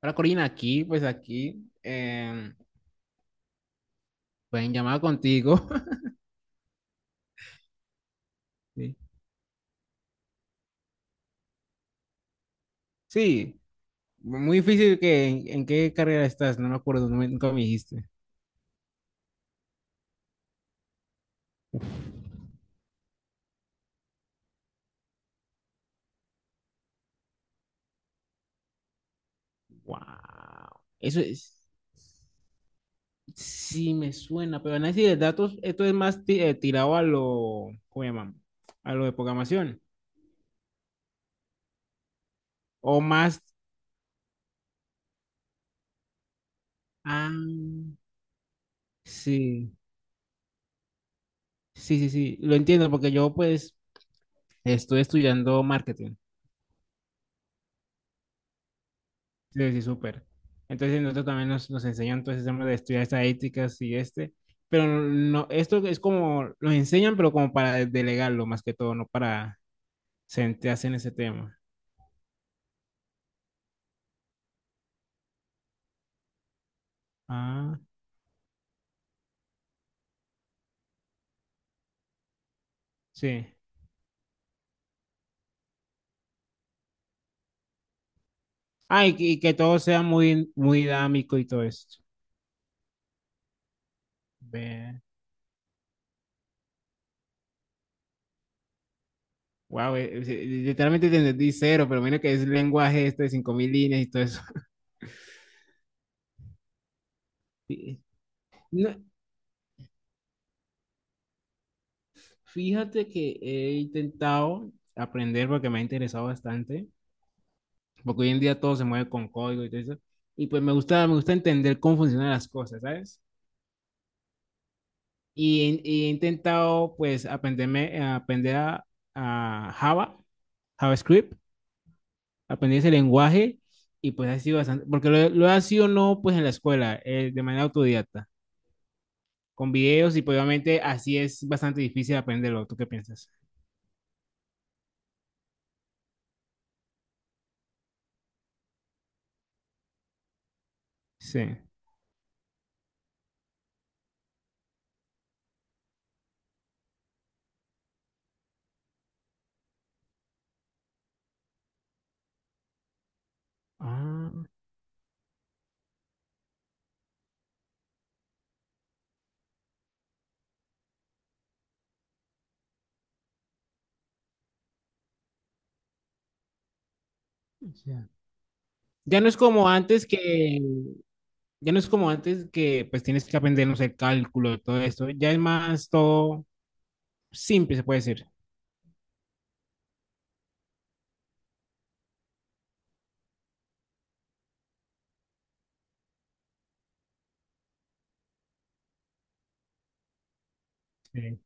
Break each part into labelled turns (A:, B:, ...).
A: Hola Corina, aquí, pues en llamada contigo. Sí. Sí, muy difícil en qué carrera estás, no me acuerdo, nunca me dijiste. Wow, eso es, sí me suena, pero análisis de datos, esto es tirado a lo, ¿cómo llaman? A lo de programación, o más, ah, sí, sí, lo entiendo, porque yo pues estoy estudiando marketing. Sí, sí, súper. Entonces nosotros también nos enseñan todo ese tema de estudiar estadísticas y este, pero no, esto es como, los enseñan, pero como para delegarlo más que todo, no para centrarse en ese tema. Ah, sí. Ah, que todo sea muy, muy dinámico y todo esto. Ve. Wow, literalmente te entendí cero, pero menos que es lenguaje este de 5.000 líneas y todo eso. Fí- no, fíjate que he intentado aprender porque me ha interesado bastante porque hoy en día todo se mueve con código y todo eso. Y pues me gusta entender cómo funcionan las cosas, ¿sabes? Y he intentado pues aprender a Java, JavaScript, aprender ese lenguaje y pues ha sido bastante, porque lo ha sido no pues en la escuela, de manera autodidacta, con videos y pues obviamente así es bastante difícil aprenderlo. ¿Tú qué piensas? Sí. Ah, ya. Ya no es como antes que ya no es como antes que pues tienes que aprender, no sé, cálculo y todo esto. Ya es más todo simple, se puede decir. Sí.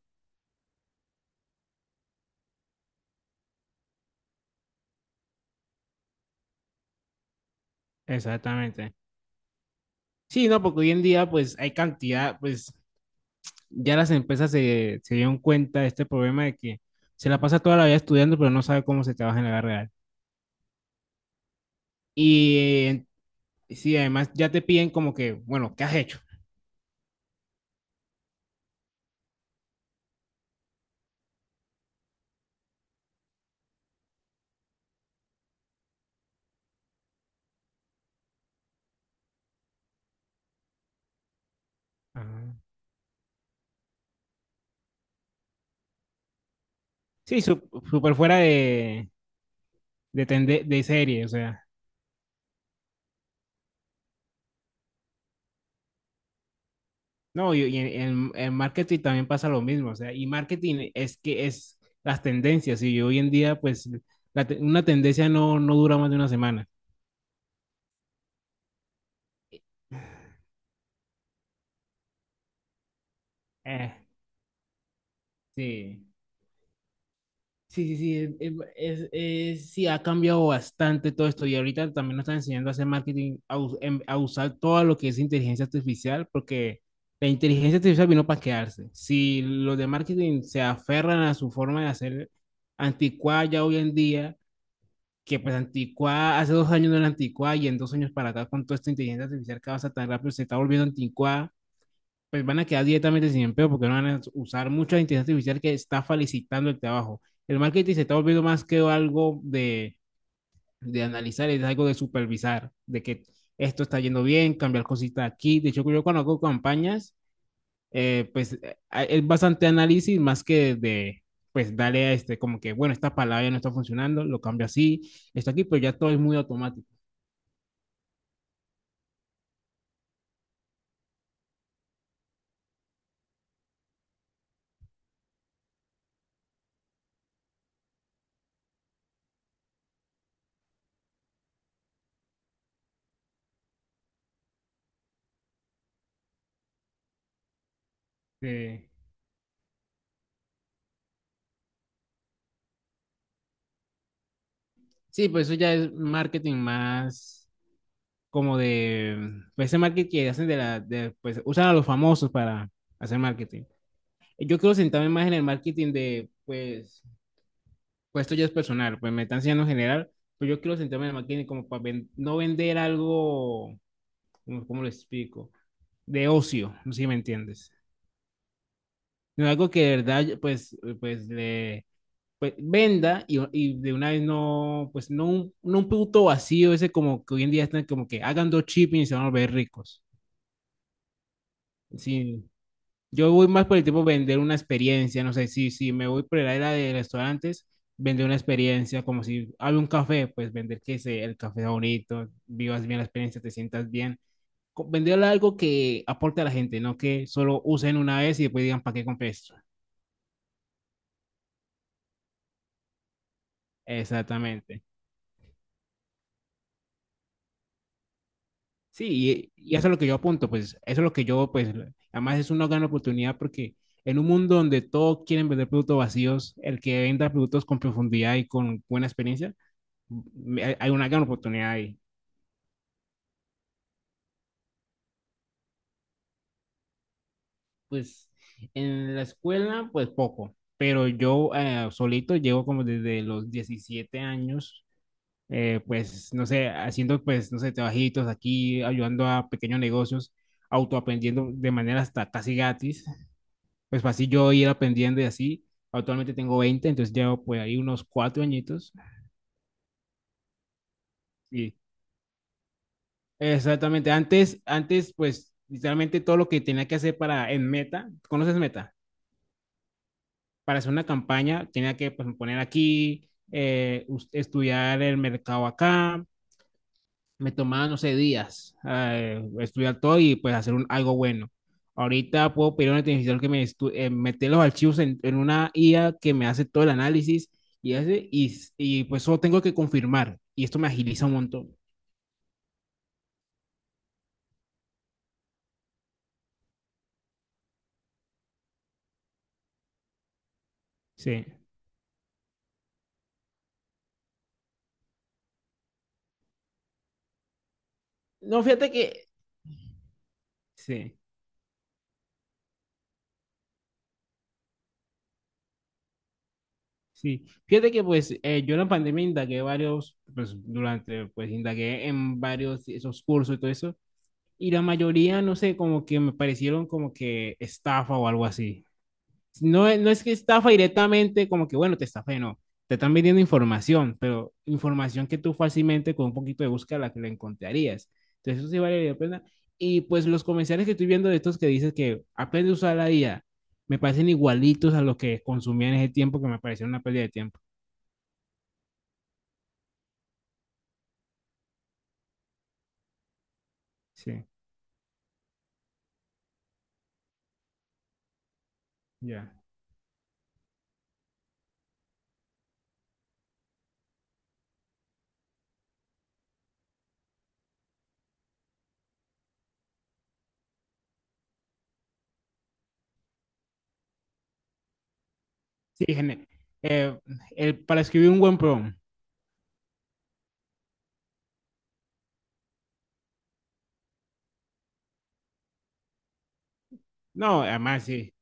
A: Exactamente. Sí, no, porque hoy en día pues hay cantidad, pues ya las empresas se dieron cuenta de este problema de que se la pasa toda la vida estudiando, pero no sabe cómo se trabaja en la vida real. Y sí, además ya te piden como que, bueno, ¿qué has hecho? Ah. Sí, súper fuera de, de serie, o sea. No, en marketing también pasa lo mismo, o sea, y marketing es que es las tendencias, y hoy en día, pues, una tendencia no, no dura más de una semana. Eh, sí, sí, ha cambiado bastante todo esto, y ahorita también nos están enseñando a hacer marketing, a usar todo lo que es inteligencia artificial, porque la inteligencia artificial vino para quedarse. Si los de marketing se aferran a su forma de hacer anticuada ya hoy en día, que pues Anticuá, hace 2 años no era Anticuá y en 2 años para acá con toda esta inteligencia artificial que avanza tan rápido se está volviendo Anticuá, pues van a quedar directamente sin empleo porque no van a usar mucha inteligencia artificial que está felicitando el trabajo. El marketing se está volviendo más que algo de analizar, es algo de supervisar, de que esto está yendo bien, cambiar cositas aquí. De hecho, yo cuando hago campañas, eh, pues es bastante análisis más que de, pues darle a este, como que, bueno, esta palabra ya no está funcionando, lo cambio así, esto aquí, pero ya todo es muy automático. Eh, sí, pues eso ya es marketing más como de, pues ese marketing que hacen de la, de, pues usan a los famosos para hacer marketing. Yo quiero sentarme más en el marketing de, pues, pues esto ya es personal, pues me están enseñando en general, pero yo quiero sentarme en el marketing como para no vender algo, ¿cómo cómo lo explico? De ocio, no sé si me entiendes. No es algo que de verdad, pues, pues le pues, venda y de una vez no, pues, no un producto vacío, ese como que hoy en día están como que hagan dos chips y se van a volver ricos. Sí, yo voy más por el tipo de vender una experiencia, no sé, si, si me voy por la era de restaurantes, vender una experiencia, como si abre un café, pues vender que se, el café es bonito, vivas bien la experiencia, te sientas bien. Venderle algo que aporte a la gente, no que solo usen una vez y después digan, ¿para qué compré esto? Exactamente. Sí, y eso es lo que yo apunto, pues eso es lo que yo, pues, además es una gran oportunidad porque en un mundo donde todos quieren vender productos vacíos, el que venda productos con profundidad y con buena experiencia, mm, hay una gran oportunidad ahí. Pues en la escuela, pues poco, pero yo solito llevo como desde los 17 años, pues, no sé, haciendo, pues, no sé, trabajitos aquí, ayudando a pequeños negocios, autoaprendiendo de manera hasta casi gratis. Pues así yo ir aprendiendo y así. Actualmente tengo 20, entonces llevo pues ahí unos 4 añitos. Sí, exactamente, antes, antes pues literalmente todo lo que tenía que hacer para en Meta, ¿conoces Meta? Para hacer una campaña tenía que pues, poner aquí, estudiar el mercado acá, me tomaba, no sé, días, estudiar todo y pues hacer algo bueno. Ahorita puedo pedir a una inteligencia artificial que me meter los archivos en una IA que me hace todo el análisis y, hace, y, y pues solo tengo que confirmar y esto me agiliza un montón. Sí. No, fíjate que... Sí, sí. Fíjate que pues yo en la pandemia indagué varios, pues durante, pues indagué en varios esos cursos y todo eso. Y la mayoría, no sé, como que me parecieron como que estafa o algo así. No, no es que estafa directamente, como que bueno, te estafé, no. Te están vendiendo información, pero información que tú fácilmente con un poquito de búsqueda la encontrarías. Entonces, eso sí vale la pena. Y pues los comerciales que estoy viendo de estos que dices que aprende a usar la IA, me parecen igualitos a los que consumía en ese tiempo que me parecieron una pérdida de tiempo. Sí, ya. Sí, gene- eh, el, para escribir un buen prompt. No, además, sí.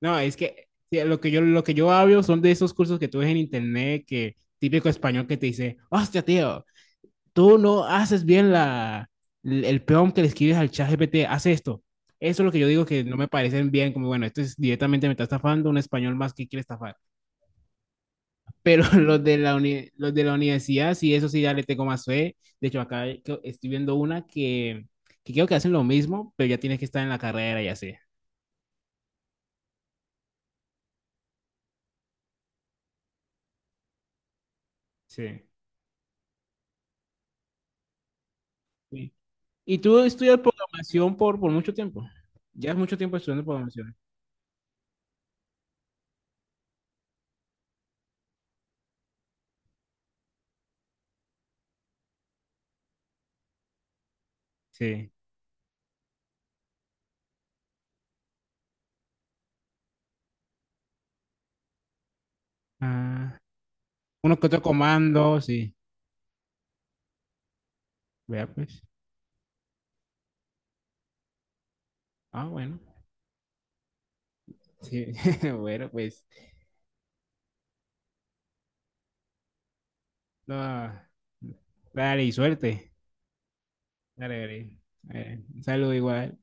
A: No, es que sí, lo que yo hablo son de esos cursos que tú ves en internet, que típico español que te dice, hostia, tío, tú no haces bien la, el prompt que le escribes al chat GPT, haz esto. Eso es lo que yo digo que no me parecen bien, como bueno, esto es directamente me está estafando un español más que quiere estafar. Pero los de la, los de la universidad, sí, eso sí, ya le tengo más fe. De hecho, acá estoy viendo una que creo que hacen lo mismo, pero ya tienes que estar en la carrera y así. Sí. Y tú estudias programación por mucho tiempo. Ya es mucho tiempo estudiando programación. Sí. Ah, uno que otro comando, sí. Vea, pues. Ah, bueno. Sí. Bueno, pues. No, dale, y suerte. Dale, dale. Un saludo igual.